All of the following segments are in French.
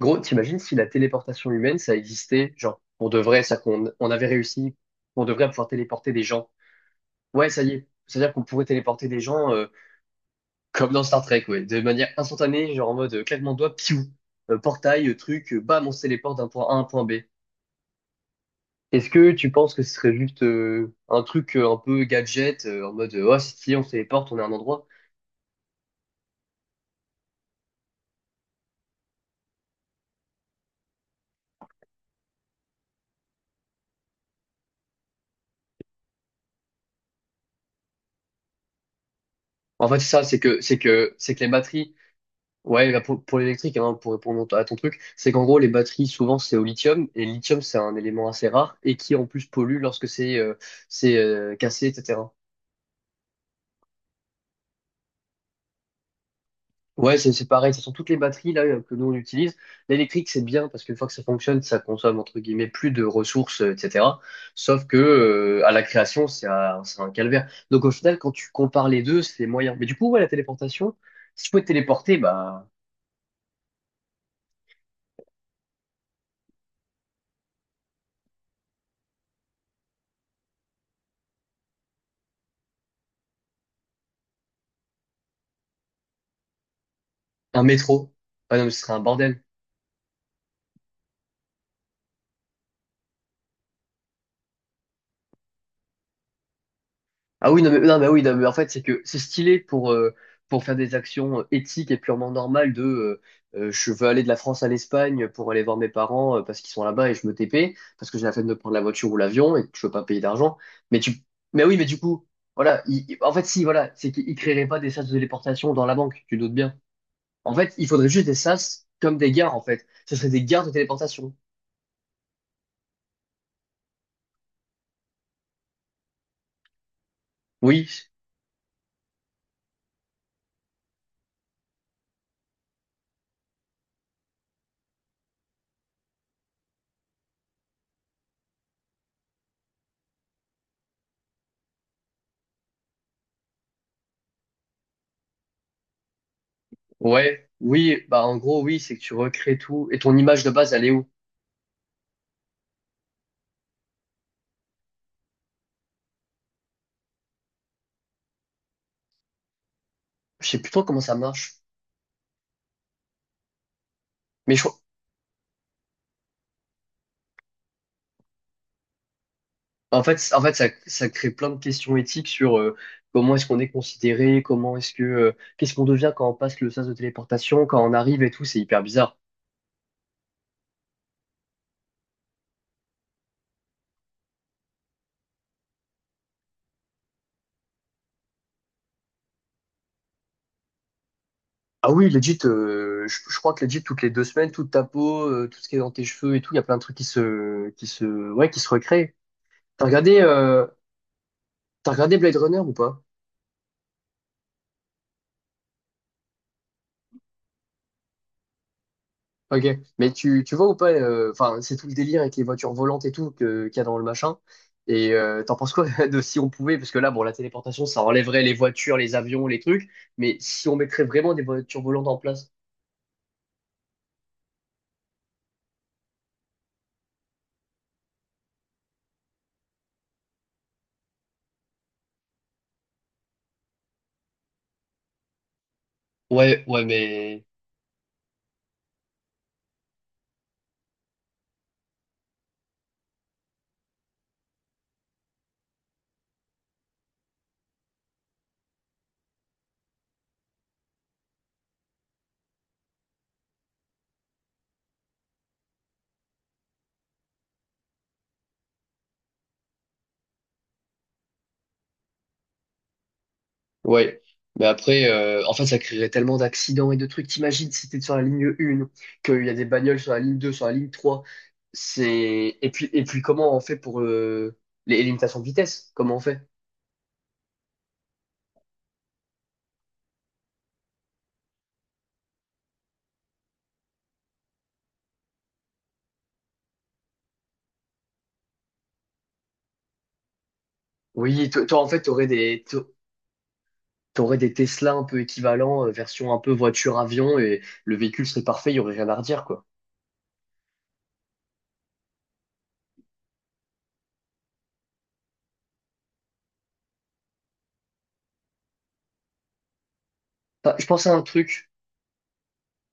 Gros, t'imagines si la téléportation humaine, ça existait, genre, pour de vrai, ça qu'on on avait réussi, pour de vrai, à pouvoir téléporter des gens. Ouais, ça y est. C'est-à-dire qu'on pourrait téléporter des gens, comme dans Star Trek, ouais, de manière instantanée, genre en mode, claquement de doigts, piou, portail, truc, bam, on se téléporte d'un point A à un point B. Est-ce que tu penses que ce serait juste un truc un peu gadget, en mode, oh, si, si, on se téléporte, on est à un endroit? En fait, ça, c'est que les batteries. Ouais, bah, pour l'électrique, hein, pour répondre à ton truc, c'est qu'en gros, les batteries, souvent, c'est au lithium, et le lithium, c'est un élément assez rare, et qui, en plus, pollue lorsque c'est cassé, etc. Ouais, c'est pareil, ce sont toutes les batteries, là, que nous, on utilise. L'électrique, c'est bien, parce qu'une fois que ça fonctionne, ça consomme, entre guillemets, plus de ressources, etc. Sauf que, à la création, c'est un calvaire. Donc, au final, quand tu compares les deux, c'est moyen. Mais du coup, ouais, la téléportation, si tu pouvais te téléporter, bah, un métro, ah non, mais ce serait un bordel. Ah oui, non, mais, non, mais oui, non, mais en fait, c'est que c'est stylé pour, faire des actions éthiques et purement normales de je veux aller de la France à l'Espagne pour aller voir mes parents, parce qu'ils sont là-bas et je me TP, parce que j'ai la flemme de prendre la voiture ou l'avion et que je veux pas payer d'argent. Mais tu, mais oui, mais du coup, voilà, en fait, si, voilà, c'est qu'ils créeraient pas des sas de téléportation dans la banque, tu doutes bien. En fait, il faudrait juste des sas comme des gares, en fait. Ce serait des gares de téléportation. Oui, ouais, oui, bah en gros, oui, c'est que tu recrées tout et ton image de base, elle est où? Je sais plus trop comment ça marche. Mais je- en fait ça, ça crée plein de questions éthiques sur comment est-ce qu'on est considéré, comment est-ce que, qu'est-ce qu'on devient quand on passe le sas de téléportation, quand on arrive et tout, c'est hyper bizarre. Ah oui, legit, je crois que legit, toutes les deux semaines, toute ta peau, tout ce qui est dans tes cheveux et tout, il y a plein de trucs ouais, qui se recréent. T'as regardé, euh, t'as regardé Blade Runner ou pas? Ok, mais tu vois ou pas, enfin, c'est tout le délire avec les voitures volantes et tout que, qu'il y a dans le machin. Et t'en penses quoi de si on pouvait, parce que là, bon, la téléportation, ça enlèverait les voitures, les avions, les trucs, mais si on mettrait vraiment des voitures volantes en place? Ouais, ouais, mais... Ouais. Mais après, en fait, ça créerait tellement d'accidents et de trucs. T'imagines si t'es sur la ligne 1, qu'il y a des bagnoles sur la ligne 2, sur la ligne 3. C'est... Et puis, comment on fait pour les limitations de vitesse? Comment on fait? Oui, toi, en fait, tu aurais des Tesla un peu équivalents, version un peu voiture-avion, et le véhicule serait parfait, il n'y aurait rien à redire, quoi. Enfin,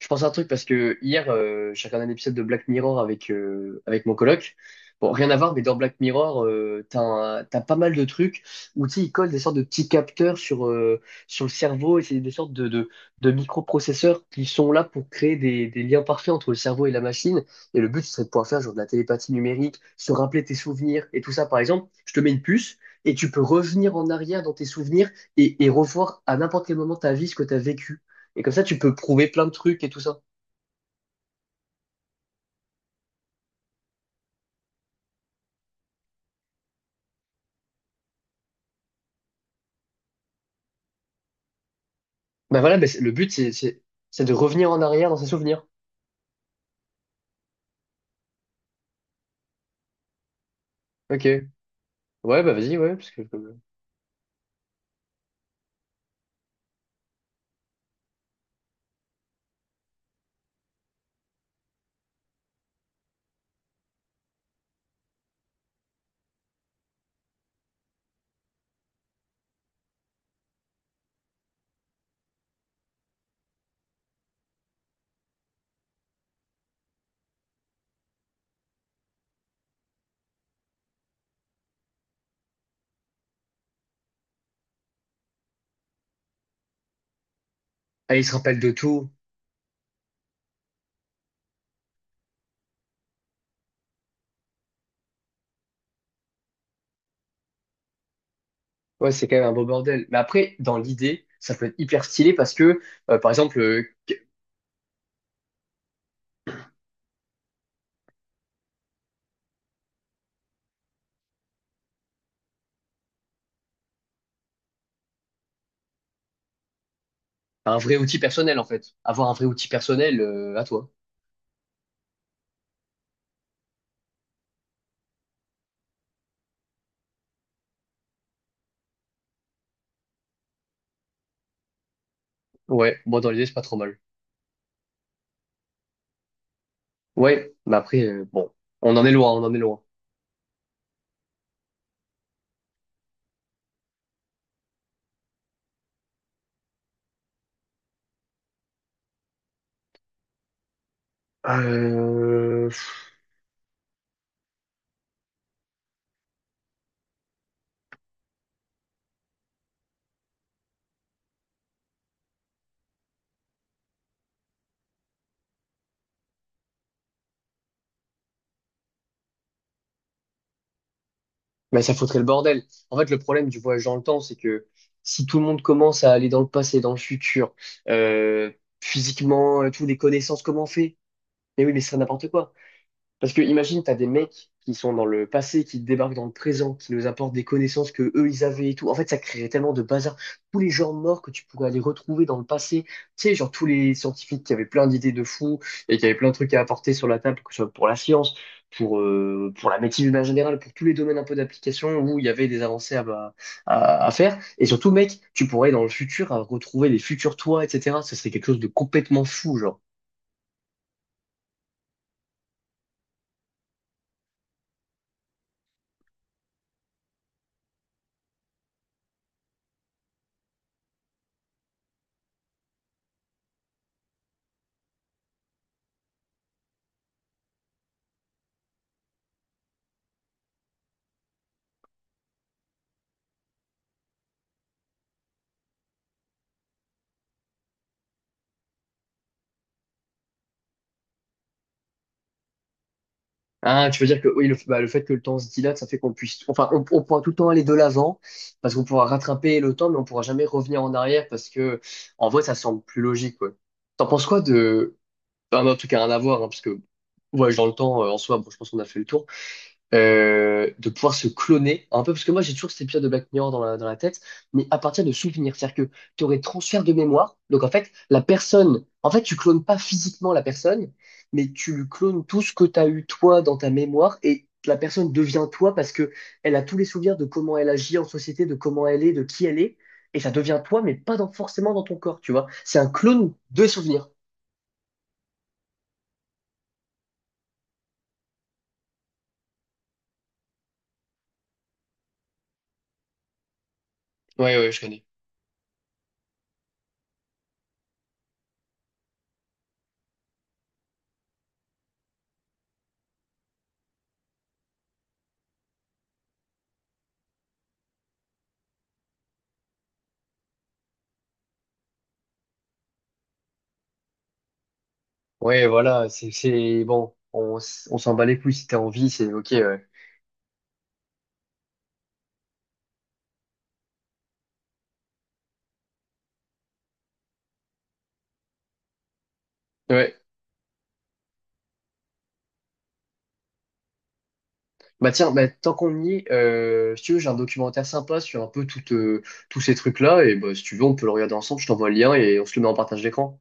Je pense à un truc parce que hier, j'ai regardé un épisode de Black Mirror avec, avec mon coloc. Bon, rien à voir, mais dans Black Mirror, t'as pas mal de trucs où tu sais, ils collent des sortes de petits capteurs sur, sur le cerveau et c'est des sortes de microprocesseurs qui sont là pour créer des liens parfaits entre le cerveau et la machine. Et le but, ce serait de pouvoir faire genre de la télépathie numérique, se rappeler tes souvenirs et tout ça. Par exemple, je te mets une puce et tu peux revenir en arrière dans tes souvenirs et revoir à n'importe quel moment de ta vie ce que tu as vécu. Et comme ça, tu peux prouver plein de trucs et tout ça. Le but, c'est de revenir en arrière dans ses souvenirs. Ok. Ouais, bah vas-y, ouais, parce que... Ah, il se rappelle de tout. Ouais, c'est quand même un beau bordel. Mais après, dans l'idée, ça peut être hyper stylé parce que, euh, par exemple, euh, qu- un vrai outil personnel, en fait. Avoir un vrai outil personnel, à toi. Ouais, moi, dans l'idée, c'est pas trop mal. Ouais, mais après, bon, on en est loin, on en est loin. Euh... Mais ça foutrait le bordel. En fait, le problème du voyage dans le temps, c'est que si tout le monde commence à aller dans le passé, dans le futur, euh, physiquement, tout, les connaissances, comment on fait? Mais oui, mais c'est n'importe quoi. Parce que imagine, t'as des mecs qui sont dans le passé, qui débarquent dans le présent, qui nous apportent des connaissances que eux ils avaient et tout. En fait, ça créerait tellement de bazar. Tous les gens morts que tu pourrais aller retrouver dans le passé. Tu sais, genre tous les scientifiques qui avaient plein d'idées de fous et qui avaient plein de trucs à apporter sur la table, que ce soit pour la science, pour la médecine de manière générale, pour tous les domaines un peu d'application où il y avait des avancées bah, à faire. Et surtout, mec, tu pourrais dans le futur, retrouver les futurs toi, etc. Ce serait quelque chose de complètement fou, genre. Ah, tu veux dire que oui, le, bah, le fait que le temps se dilate, ça fait qu'on puisse, enfin, on pourra tout le temps aller de l'avant parce qu'on pourra rattraper le temps, mais on pourra jamais revenir en arrière parce que, en vrai, ça semble plus logique, quoi. T'en penses quoi de, bah, en tout cas, rien à voir, hein, parce que voyage dans le temps, en soi, bon, je pense qu'on a fait le tour, de pouvoir se cloner un peu, parce que moi j'ai toujours cet épisode de Black Mirror dans la tête, mais à partir de souvenirs, c'est-à-dire que tu aurais transfert de mémoire, donc en fait la personne, en fait tu clones pas physiquement la personne, mais tu lui clones tout ce que tu as eu toi dans ta mémoire, et la personne devient toi parce que elle a tous les souvenirs de comment elle agit en société, de comment elle est, de qui elle est, et ça devient toi, mais pas dans, forcément dans ton corps, tu vois. C'est un clone de souvenirs. Ouais, ouais, je connais. Ouais, voilà, bon, on s'en bat les couilles si t'as envie, c'est ok, ouais. Ouais. Bah tiens, bah, tant qu'on y est, si tu veux, j'ai un documentaire sympa sur un peu tout, tous ces trucs-là. Et bah, si tu veux, on peut le regarder ensemble. Je t'envoie le lien et on se le met en partage d'écran.